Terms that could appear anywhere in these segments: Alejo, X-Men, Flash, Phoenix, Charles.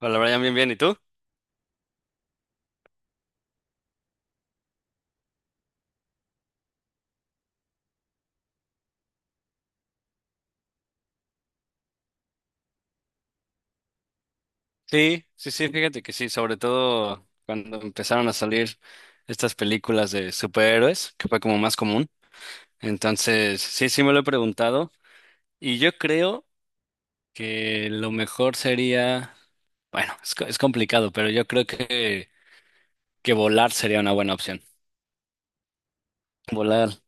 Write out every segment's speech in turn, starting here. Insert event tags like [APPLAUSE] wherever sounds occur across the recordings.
Hola Brian, bien, bien. ¿Y tú? Sí, sí, sí, fíjate que sí, sobre todo cuando empezaron a salir estas películas de superhéroes, que fue como más común. Entonces, sí, sí me lo he preguntado. Y yo creo que lo mejor sería, bueno, es, es complicado, pero yo creo que volar sería una buena opción. Volar.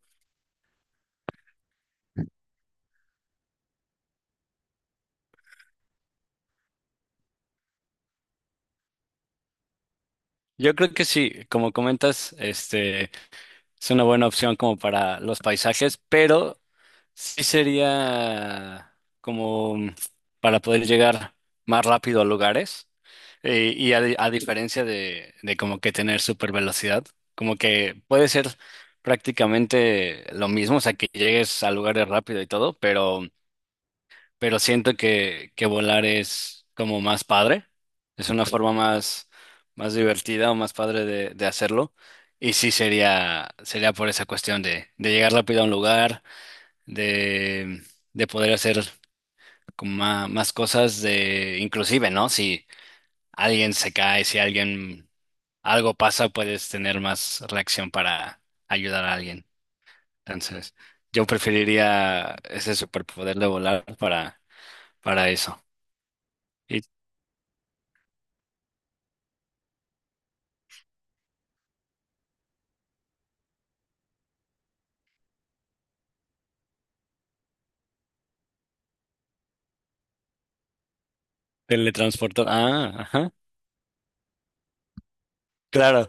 Yo creo que sí, como comentas, Es una buena opción como para los paisajes, pero sí sería como para poder llegar más rápido a lugares, y a, a diferencia de como que tener super velocidad, como que puede ser prácticamente lo mismo, o sea, que llegues a lugares rápido y todo, pero siento que volar es como más padre, es una forma más, más divertida o más padre de hacerlo. Y sí sería, sería por esa cuestión de llegar rápido a un lugar, de, de poder hacer como más cosas, de, inclusive, ¿no? Si alguien se cae, si alguien algo pasa, puedes tener más reacción para ayudar a alguien. Entonces, yo preferiría ese superpoder de volar para eso. Teletransportar. Ah, ajá. Claro,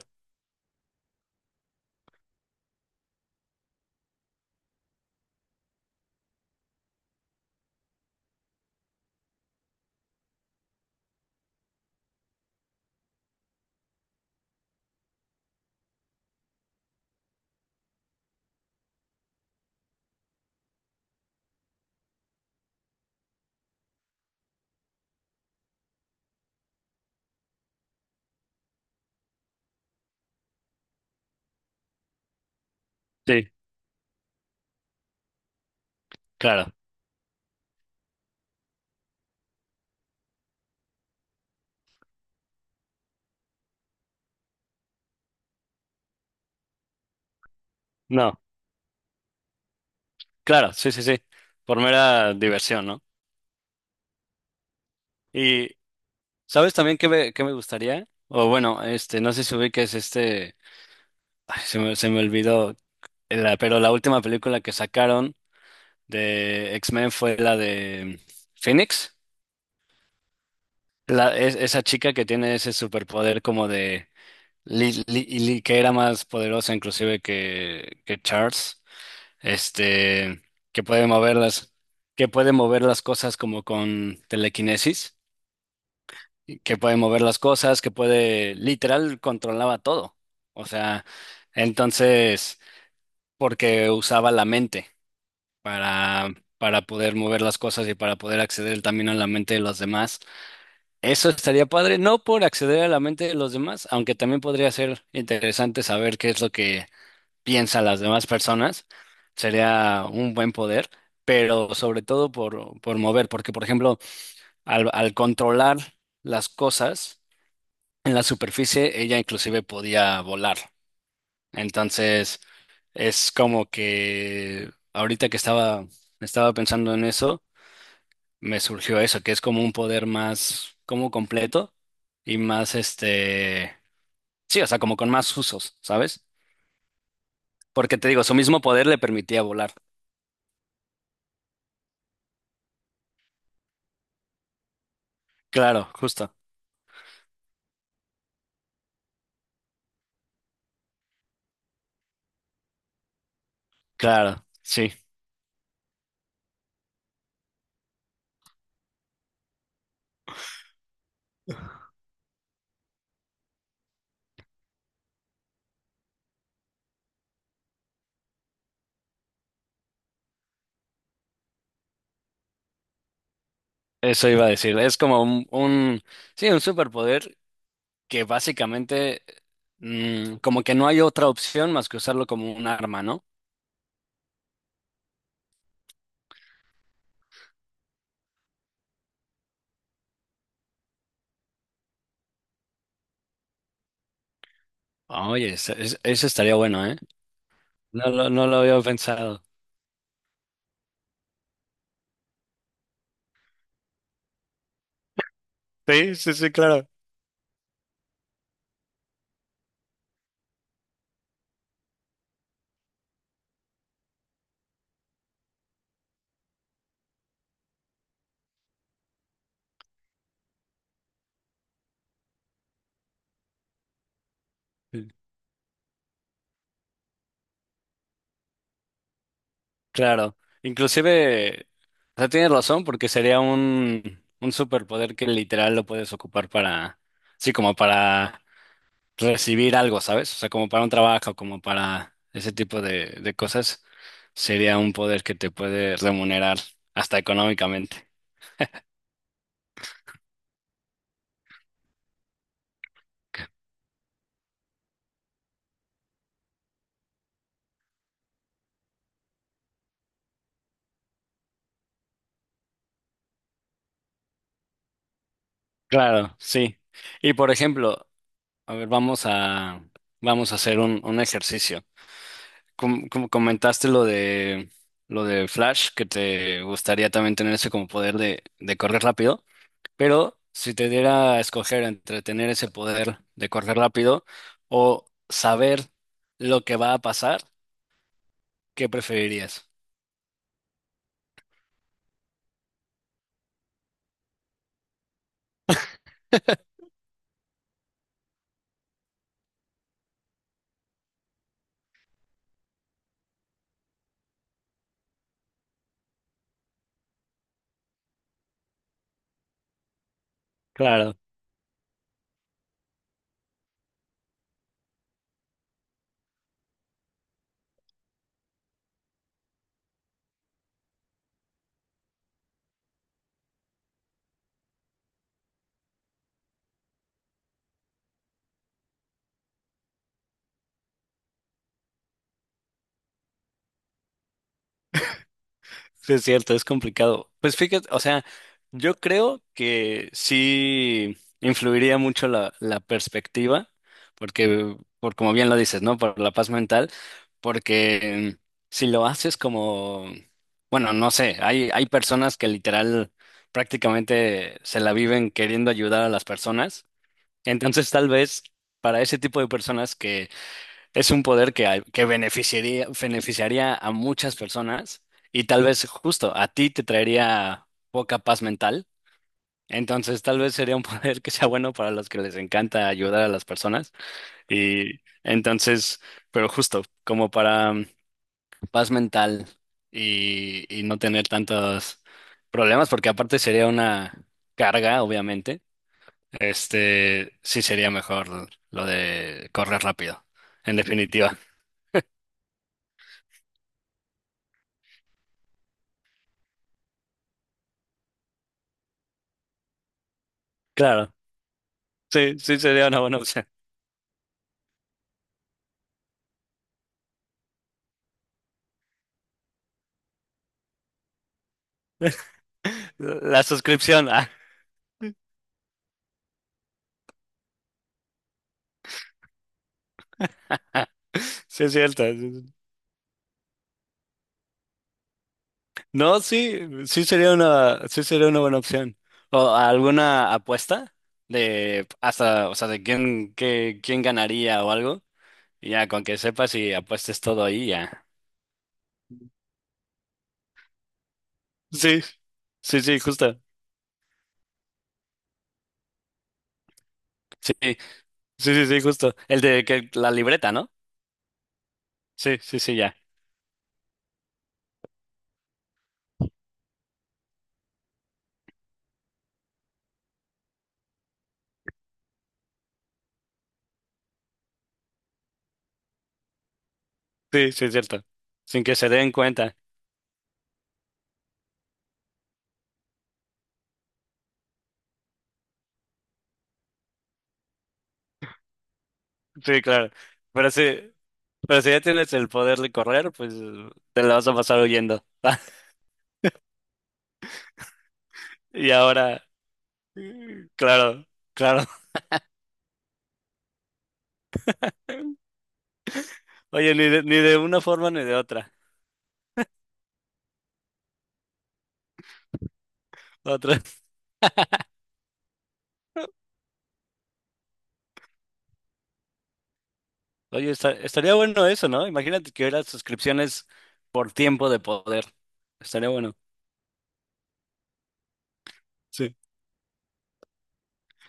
sí, claro. No, claro, sí, sí, sí. Por mera diversión, ¿no? Y ¿sabes también qué me gustaría? O bueno, no sé si ubiques este. Ay, se me olvidó. Pero la última película que sacaron de X-Men fue la de Phoenix. La, esa chica que tiene ese superpoder como de. Que era más poderosa inclusive que Charles. este, que puede mover las, que puede mover las cosas como con telequinesis, y que puede mover las cosas, que puede, literal, controlaba todo. O sea, entonces, porque usaba la mente para, para poder mover las cosas y para poder acceder también a la mente de los demás. Eso estaría padre, no por acceder a la mente de los demás, aunque también podría ser interesante saber qué es lo que piensa las demás personas, sería un buen poder, pero sobre todo por mover, porque por ejemplo, al, al controlar las cosas en la superficie, ella inclusive podía volar. Entonces, es como que ahorita que estaba, estaba pensando en eso, me surgió eso, que es como un poder más, como completo y más sí, o sea, como con más usos, ¿sabes? Porque te digo, su mismo poder le permitía volar. Claro, justo. Claro, sí, eso iba a decir. Es como un, sí, un superpoder que básicamente como que no hay otra opción más que usarlo como un arma, ¿no? Oye, eso estaría bueno, ¿eh? No, no lo había pensado. Sí, sí, sí, claro. Sí. Claro. Inclusive, o sea, tienes razón porque sería un superpoder que literal lo puedes ocupar para, sí, como para recibir algo, ¿sabes? O sea, como para un trabajo, como para ese tipo de cosas, sería un poder que te puede remunerar hasta económicamente. Claro, sí. Y por ejemplo, a ver, vamos a, vamos a hacer un ejercicio. Como, como comentaste lo de Flash, que te gustaría también tener ese como poder de correr rápido, pero si te diera a escoger entre tener ese poder de correr rápido o saber lo que va a pasar, ¿qué preferirías? Claro, sí es cierto, es complicado. Pues fíjate, o sea, yo creo que sí influiría mucho la, la perspectiva, porque, por como bien lo dices, ¿no? Por la paz mental, porque si lo haces como, bueno, no sé, hay personas que literal prácticamente se la viven queriendo ayudar a las personas, entonces tal vez para ese tipo de personas es un poder que, que beneficiaría, beneficiaría a muchas personas y tal vez justo a ti te traería poca paz mental. Entonces tal vez sería un [LAUGHS] poder que sea bueno para los que les encanta ayudar a las personas. Y entonces, pero justo como para paz mental y no tener tantos problemas, porque aparte sería una carga, obviamente. Este sí sería mejor lo de correr rápido, en definitiva. Claro. Sí, sí sería una buena opción. La suscripción, ah, sí es cierto. No, sí, sí sería una buena opción. ¿O alguna apuesta de hasta, o sea, de quién, qué, quién ganaría o algo? Y ya, con que sepas y apuestes todo ahí, ya. Sí, sí, sí, justo. Sí, sí, sí, sí, justo. El de que la libreta, ¿no? Sí, sí, sí, ya. Sí, sí es cierto. Sin que se den cuenta. Sí, claro. Pero sí. Pero si ya tienes el poder de correr, pues te la vas a pasar huyendo. [LAUGHS] Y ahora, claro, claro. Oye, ni de, ni de una forma ni de otra. Otra. [LAUGHS] Oye, estaría bueno eso, ¿no? Imagínate que hubiera suscripciones por tiempo de poder. Estaría bueno. Sí.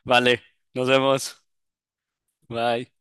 Vale, nos vemos. Bye.